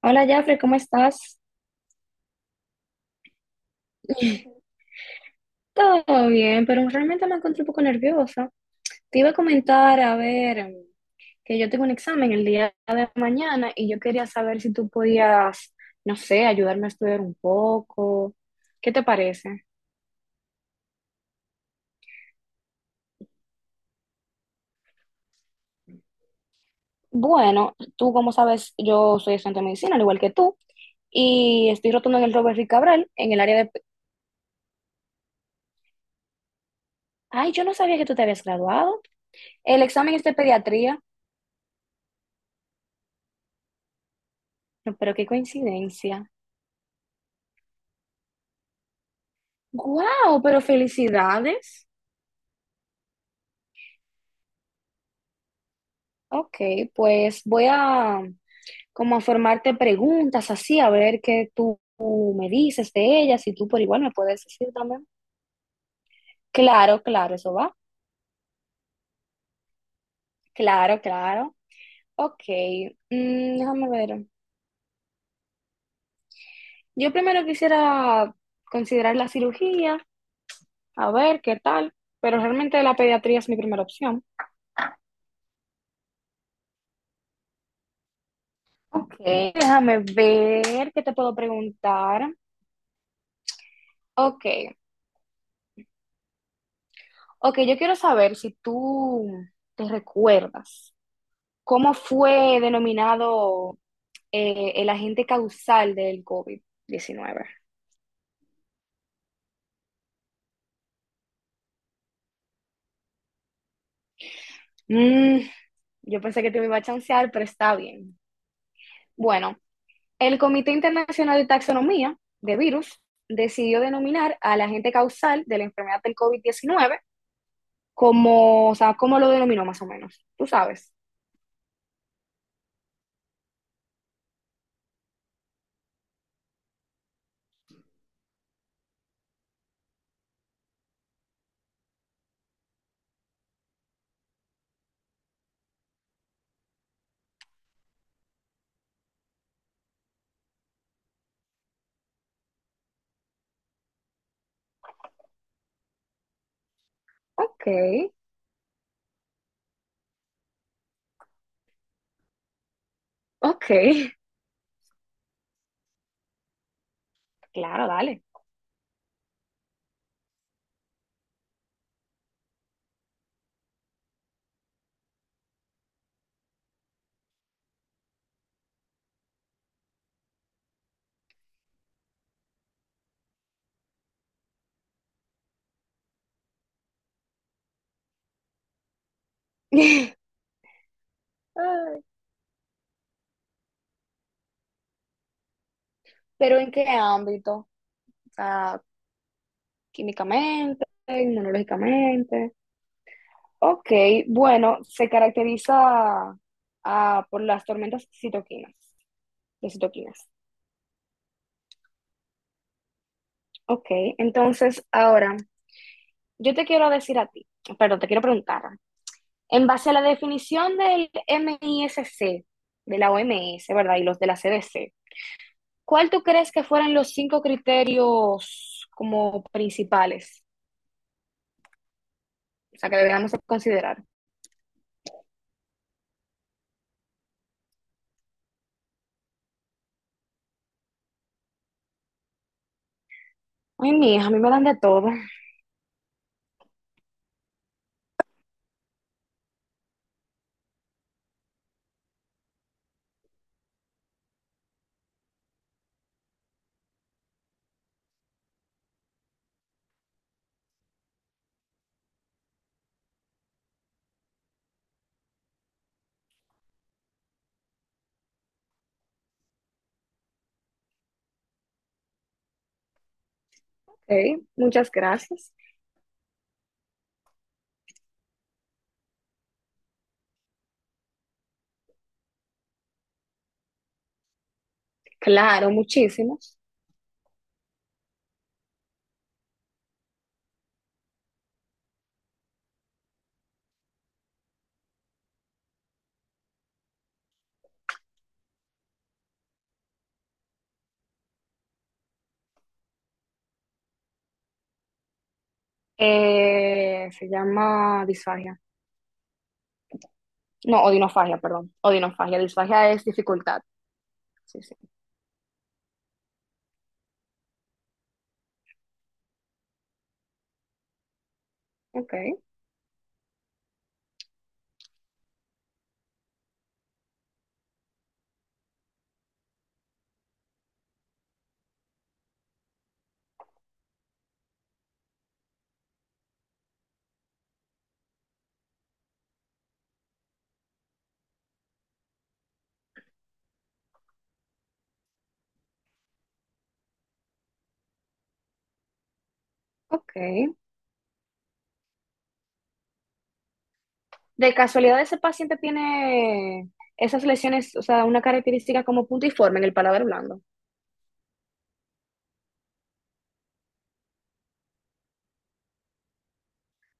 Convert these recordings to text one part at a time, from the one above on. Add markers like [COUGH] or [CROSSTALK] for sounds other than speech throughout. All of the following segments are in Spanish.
Hola, Jafre, ¿cómo estás? [LAUGHS] Todo bien, pero realmente me encuentro un poco nerviosa. Te iba a comentar, a ver, que yo tengo un examen el día de mañana y yo quería saber si tú podías, no sé, ayudarme a estudiar un poco. ¿Qué te parece? Bueno, tú como sabes, yo soy estudiante de medicina, al igual que tú, y estoy rotando en el Robert Rick Cabral, en el área de. Ay, yo no sabía que tú te habías graduado. El examen es de pediatría. No, pero qué coincidencia. ¡Guau! Pero felicidades. Ok, pues voy a como a formarte preguntas así, a ver qué tú me dices de ellas y tú por igual me puedes decir también. Claro, claro, eso va. Claro, claro. Ok, déjame ver. Yo primero quisiera considerar la cirugía, a ver qué tal, pero realmente la pediatría es mi primera opción. Ok, déjame ver qué te puedo preguntar. Ok, ok, yo quiero saber si tú te recuerdas. ¿Cómo fue denominado el agente causal del COVID-19? Mm, yo pensé que te me iba a chancear, pero está bien. Bueno, el Comité Internacional de Taxonomía de Virus decidió denominar al agente causal de la enfermedad del COVID-19 como, o sea, ¿cómo lo denominó más o menos? Tú sabes. Ok, ok, claro, dale. [LAUGHS] Pero ¿en qué ámbito? O sea, químicamente, inmunológicamente. Ok, bueno, se caracteriza por las tormentas de citoquinas. Ok, entonces ahora yo te quiero decir a ti, perdón, te quiero preguntar, en base a la definición del MISC, de la OMS, ¿verdad? Y los de la CDC, ¿cuál tú crees que fueran los cinco criterios como principales? O sea, que deberíamos considerar. Ay, mija, a mí me dan de todo. Ok, muchas gracias. Claro, muchísimas. Se llama disfagia. No, odinofagia, perdón. Odinofagia. Disfagia es dificultad. Sí, sí. Ok, ok. De casualidad, ese paciente tiene esas lesiones, o sea, una característica como puntiforme en el paladar blando.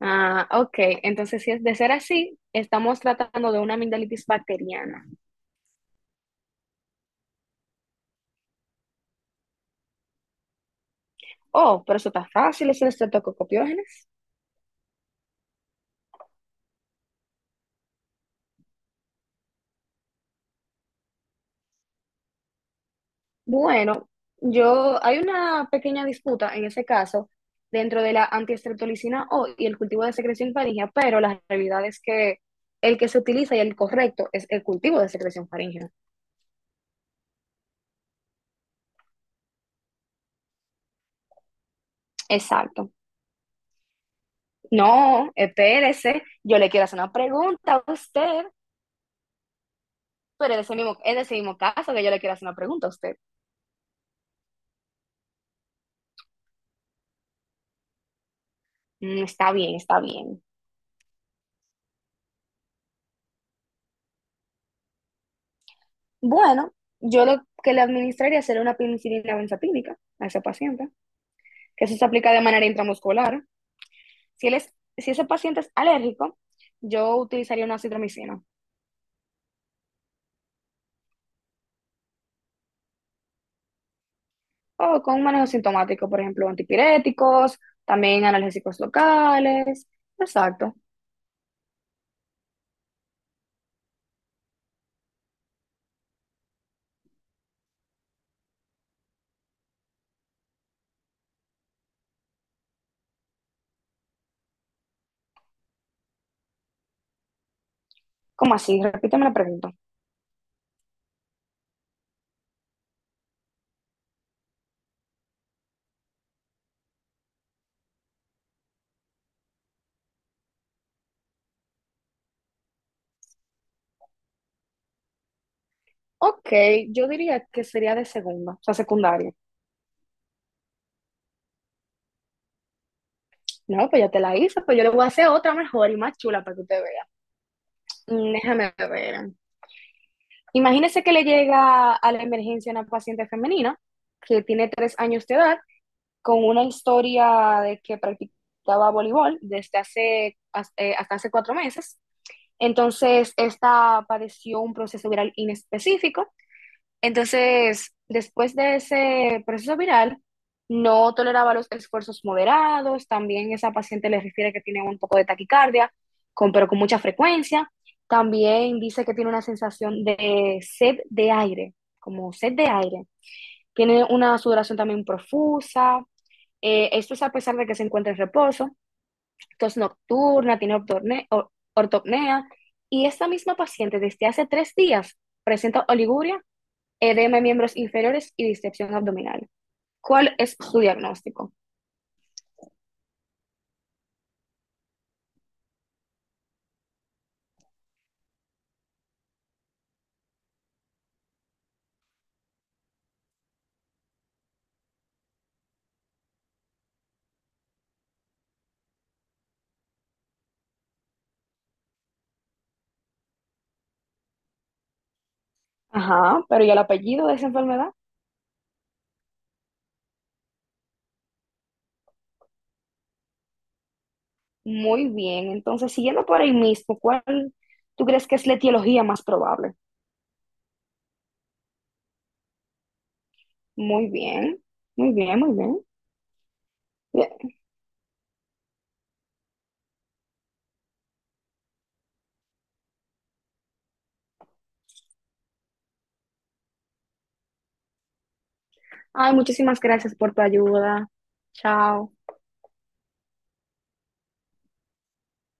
Ah, ok. Entonces, si es de ser así, estamos tratando de una amigdalitis bacteriana. Oh, pero eso está fácil, es el estreptococcus pyogenes. Bueno, yo hay una pequeña disputa en ese caso dentro de la antiestreptolicina O y el cultivo de secreción faríngea, pero la realidad es que el que se utiliza y el correcto es el cultivo de secreción faríngea. Exacto. No, espérese, yo le quiero hacer una pregunta a usted, pero es ese mismo caso que yo le quiero hacer una pregunta a usted. Está bien, está bien. Bueno, yo lo que le administraría sería una penicilina benzatínica a ese paciente, que eso se aplica de manera intramuscular. Si ese paciente es alérgico, yo utilizaría una citromicina o con un manejo sintomático, por ejemplo, antipiréticos, también analgésicos locales. Exacto. ¿Cómo así? Repíteme la pregunta. Ok, yo diría que sería de segunda, o sea, secundaria. No, pues ya te la hice, pues yo le voy a hacer otra mejor y más chula para que usted vea. Déjame ver. Imagínese que le llega a la emergencia una paciente femenina que tiene 3 años de edad con una historia de que practicaba voleibol hasta hace 4 meses. Entonces, esta padeció un proceso viral inespecífico. Entonces, después de ese proceso viral, no toleraba los esfuerzos moderados. También esa paciente le refiere que tiene un poco de taquicardia, pero con mucha frecuencia. También dice que tiene una sensación de sed de aire, como sed de aire. Tiene una sudoración también profusa, esto es a pesar de que se encuentra en reposo, tos nocturna, tiene ortopnea y esta misma paciente desde hace 3 días presenta oliguria, edema en miembros inferiores y distensión abdominal. ¿Cuál es su diagnóstico? Ajá, pero ¿y el apellido de esa enfermedad? Muy bien, entonces siguiendo por ahí mismo, ¿cuál tú crees que es la etiología más probable? Muy bien, muy bien, muy bien. Bien. Ay, muchísimas gracias por tu ayuda. Chao.